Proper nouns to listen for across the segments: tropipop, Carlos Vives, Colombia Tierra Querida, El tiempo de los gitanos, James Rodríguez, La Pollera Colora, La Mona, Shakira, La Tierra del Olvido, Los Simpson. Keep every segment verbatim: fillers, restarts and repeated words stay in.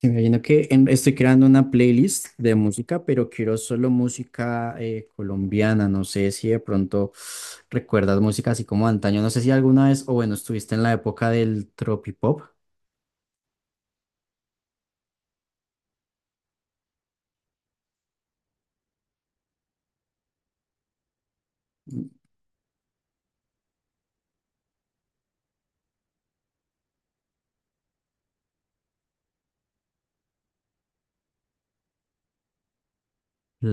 Sí, me imagino que en- estoy creando una playlist de música, pero quiero solo música eh, colombiana. No sé si de pronto recuerdas música así como antaño. No sé si alguna vez, o bueno, estuviste en la época del tropipop,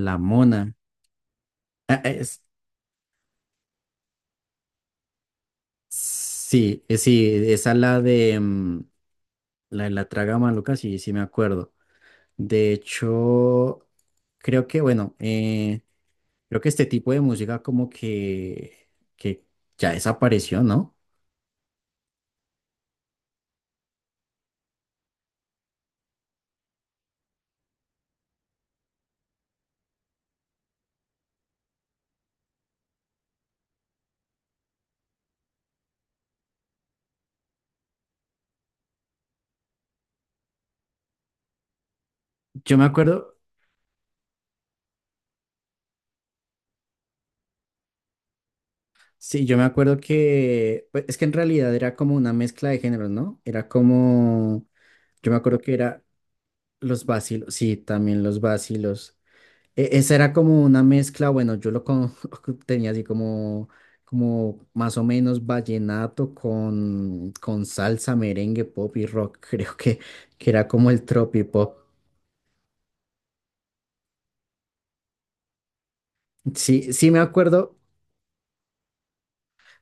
La Mona. Ah, eh, es- sí, eh, sí, esa la de mm, la de la traga maluca, sí, sí me acuerdo. De hecho, creo que, bueno, eh, creo que este tipo de música como que, que ya desapareció, ¿no? Yo me acuerdo. Sí, yo me acuerdo que, pues, es que en realidad era como una mezcla de géneros, ¿no? Era como, yo me acuerdo que era los vacilos, sí, también los vacilos. E- esa era como una mezcla, bueno, yo lo con- tenía así como, como más o menos vallenato con, con salsa, merengue, pop y rock, creo que, que era como el tropipop. Sí, sí me acuerdo.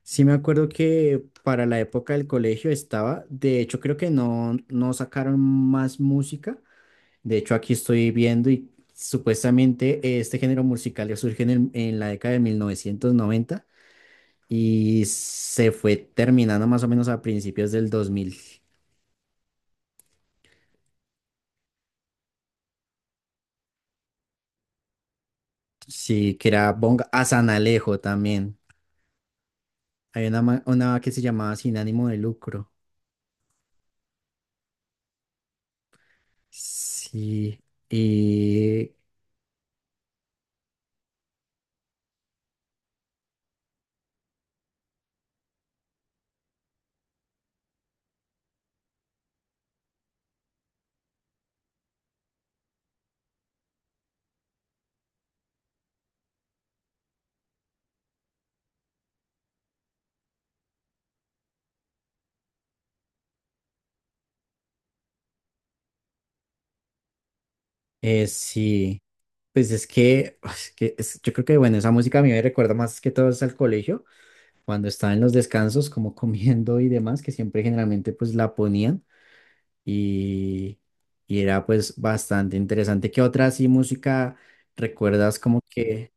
Sí me acuerdo que para la época del colegio estaba, de hecho creo que no, no sacaron más música. De hecho aquí estoy viendo y supuestamente este género musical ya surge en, el- en la década de mil novecientos noventa y se fue terminando más o menos a principios del dos mil. Sí, que era Bonga, a San Alejo también. Hay una, ma- una que se llamaba Sin ánimo de lucro, sí, y eh, sí. Pues es que, es que es- yo creo que, bueno, esa música a mí me recuerda más que todo es al colegio, cuando estaba en los descansos, como comiendo y demás, que siempre generalmente pues la ponían y, y era pues bastante interesante. ¿Qué otra así música recuerdas como que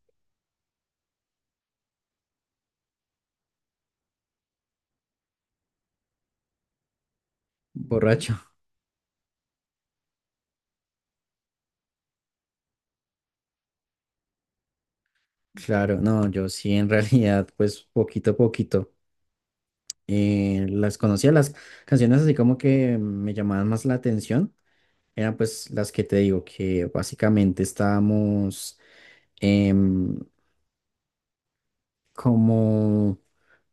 borracho? Claro, no, yo sí en realidad pues poquito a poquito eh, las conocía, las canciones así como que me llamaban más la atención, eran pues las que te digo que básicamente estábamos em, como,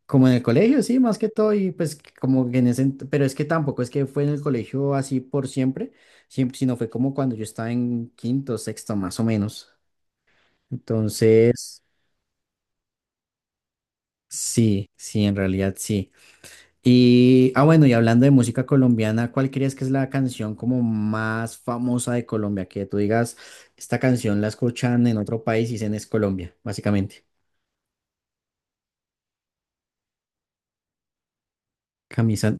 como en el colegio, sí, más que todo, y pues que como que en ese, ent- pero es que tampoco es que fue en el colegio así por siempre, siempre, sino fue como cuando yo estaba en quinto, sexto, más o menos. Entonces, sí, sí, en realidad sí. Y, ah, bueno, y hablando de música colombiana, ¿cuál crees que es la canción como más famosa de Colombia? Que tú digas, esta canción la escuchan en otro país y dicen es Colombia, básicamente. Camisa.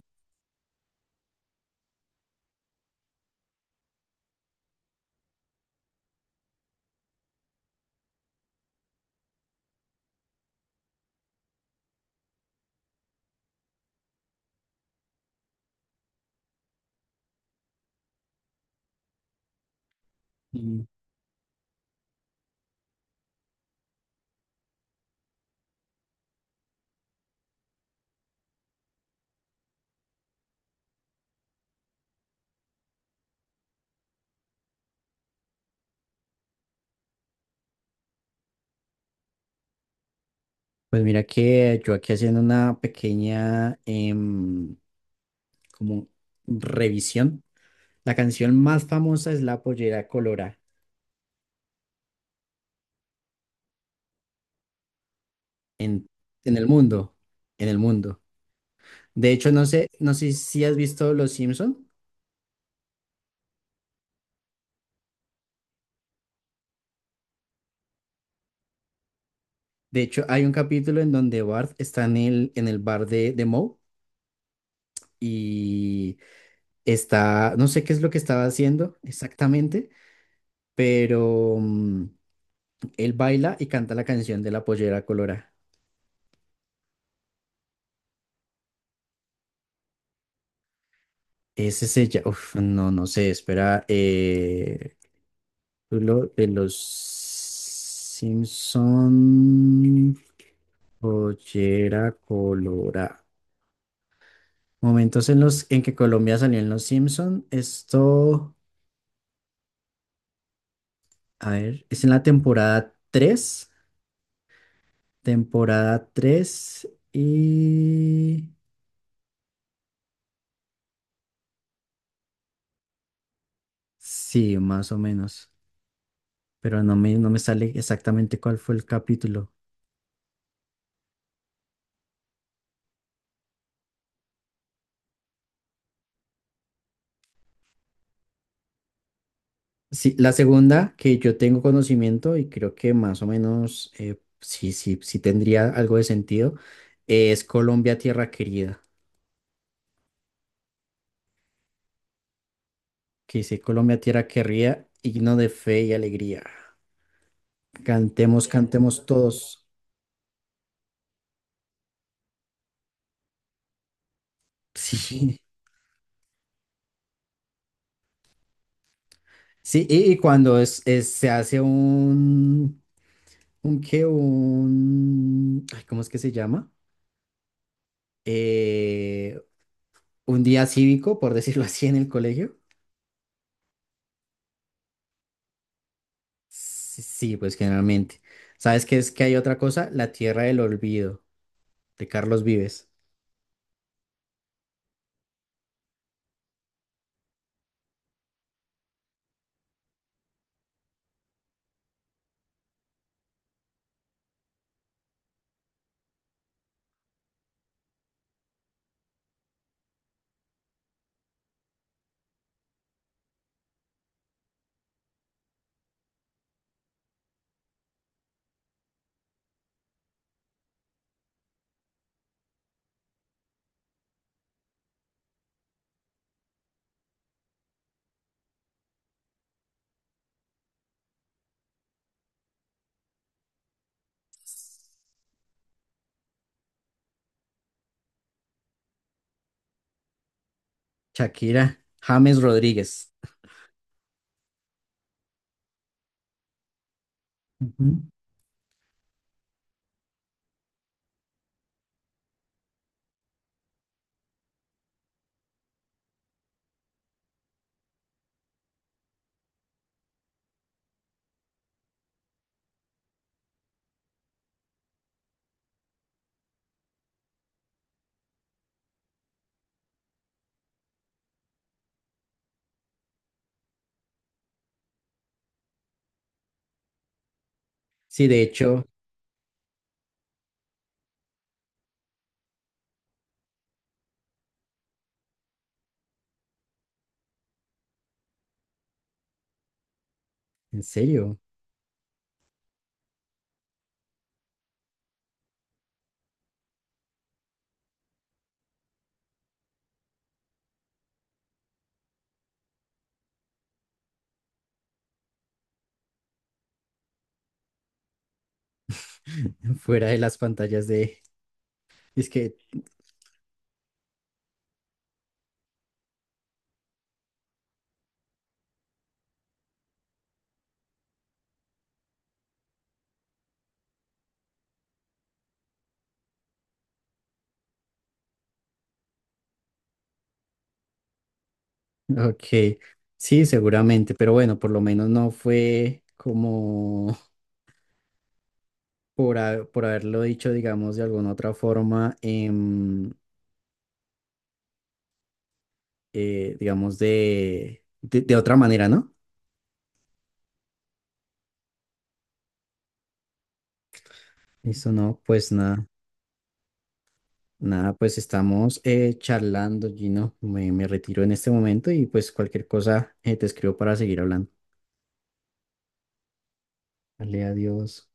Pues mira que yo aquí haciendo una pequeña em, como revisión. La canción más famosa es La Pollera Colora en, en el mundo, en el mundo. De hecho, no sé, no sé si has visto Los Simpson. De hecho, hay un capítulo en donde Bart está en el, en el bar de, de Moe y está, no sé qué es lo que estaba haciendo exactamente, pero mm, él baila y canta la canción de La Pollera Colora. Ese se llama, uf, no, no sé, espera, eh, lo de los Simpson, pollera colorada. Momentos en los en que Colombia salió en los Simpson, esto, a ver, es en la temporada tres, temporada tres y sí, más o menos, pero no me, no me sale exactamente cuál fue el capítulo. Sí, la segunda que yo tengo conocimiento y creo que más o menos eh, sí, sí, sí tendría algo de sentido, eh, es Colombia Tierra Querida, que dice Colombia Tierra Querida, himno de fe y alegría. Cantemos, cantemos todos. Sí, sí, y, y cuando es, es- se hace un, un qué, un, ay, ¿cómo es que se llama? Eh, un día cívico, por decirlo así, en el colegio. Sí, sí, pues generalmente. ¿Sabes qué es que hay otra cosa? La Tierra del Olvido, de Carlos Vives. Shakira, James Rodríguez. Ujú. Sí, de hecho, en serio, fuera de las pantallas de. Es que, ok, sí, seguramente, pero bueno, por lo menos no fue como por, ha- por haberlo dicho, digamos, de alguna otra forma, em, eh, digamos, de, de, de otra manera, ¿no? Eso no, pues nada. Nada, pues estamos eh, charlando, Gino. Me, me retiro en este momento y pues cualquier cosa eh, te escribo para seguir hablando. Dale, adiós.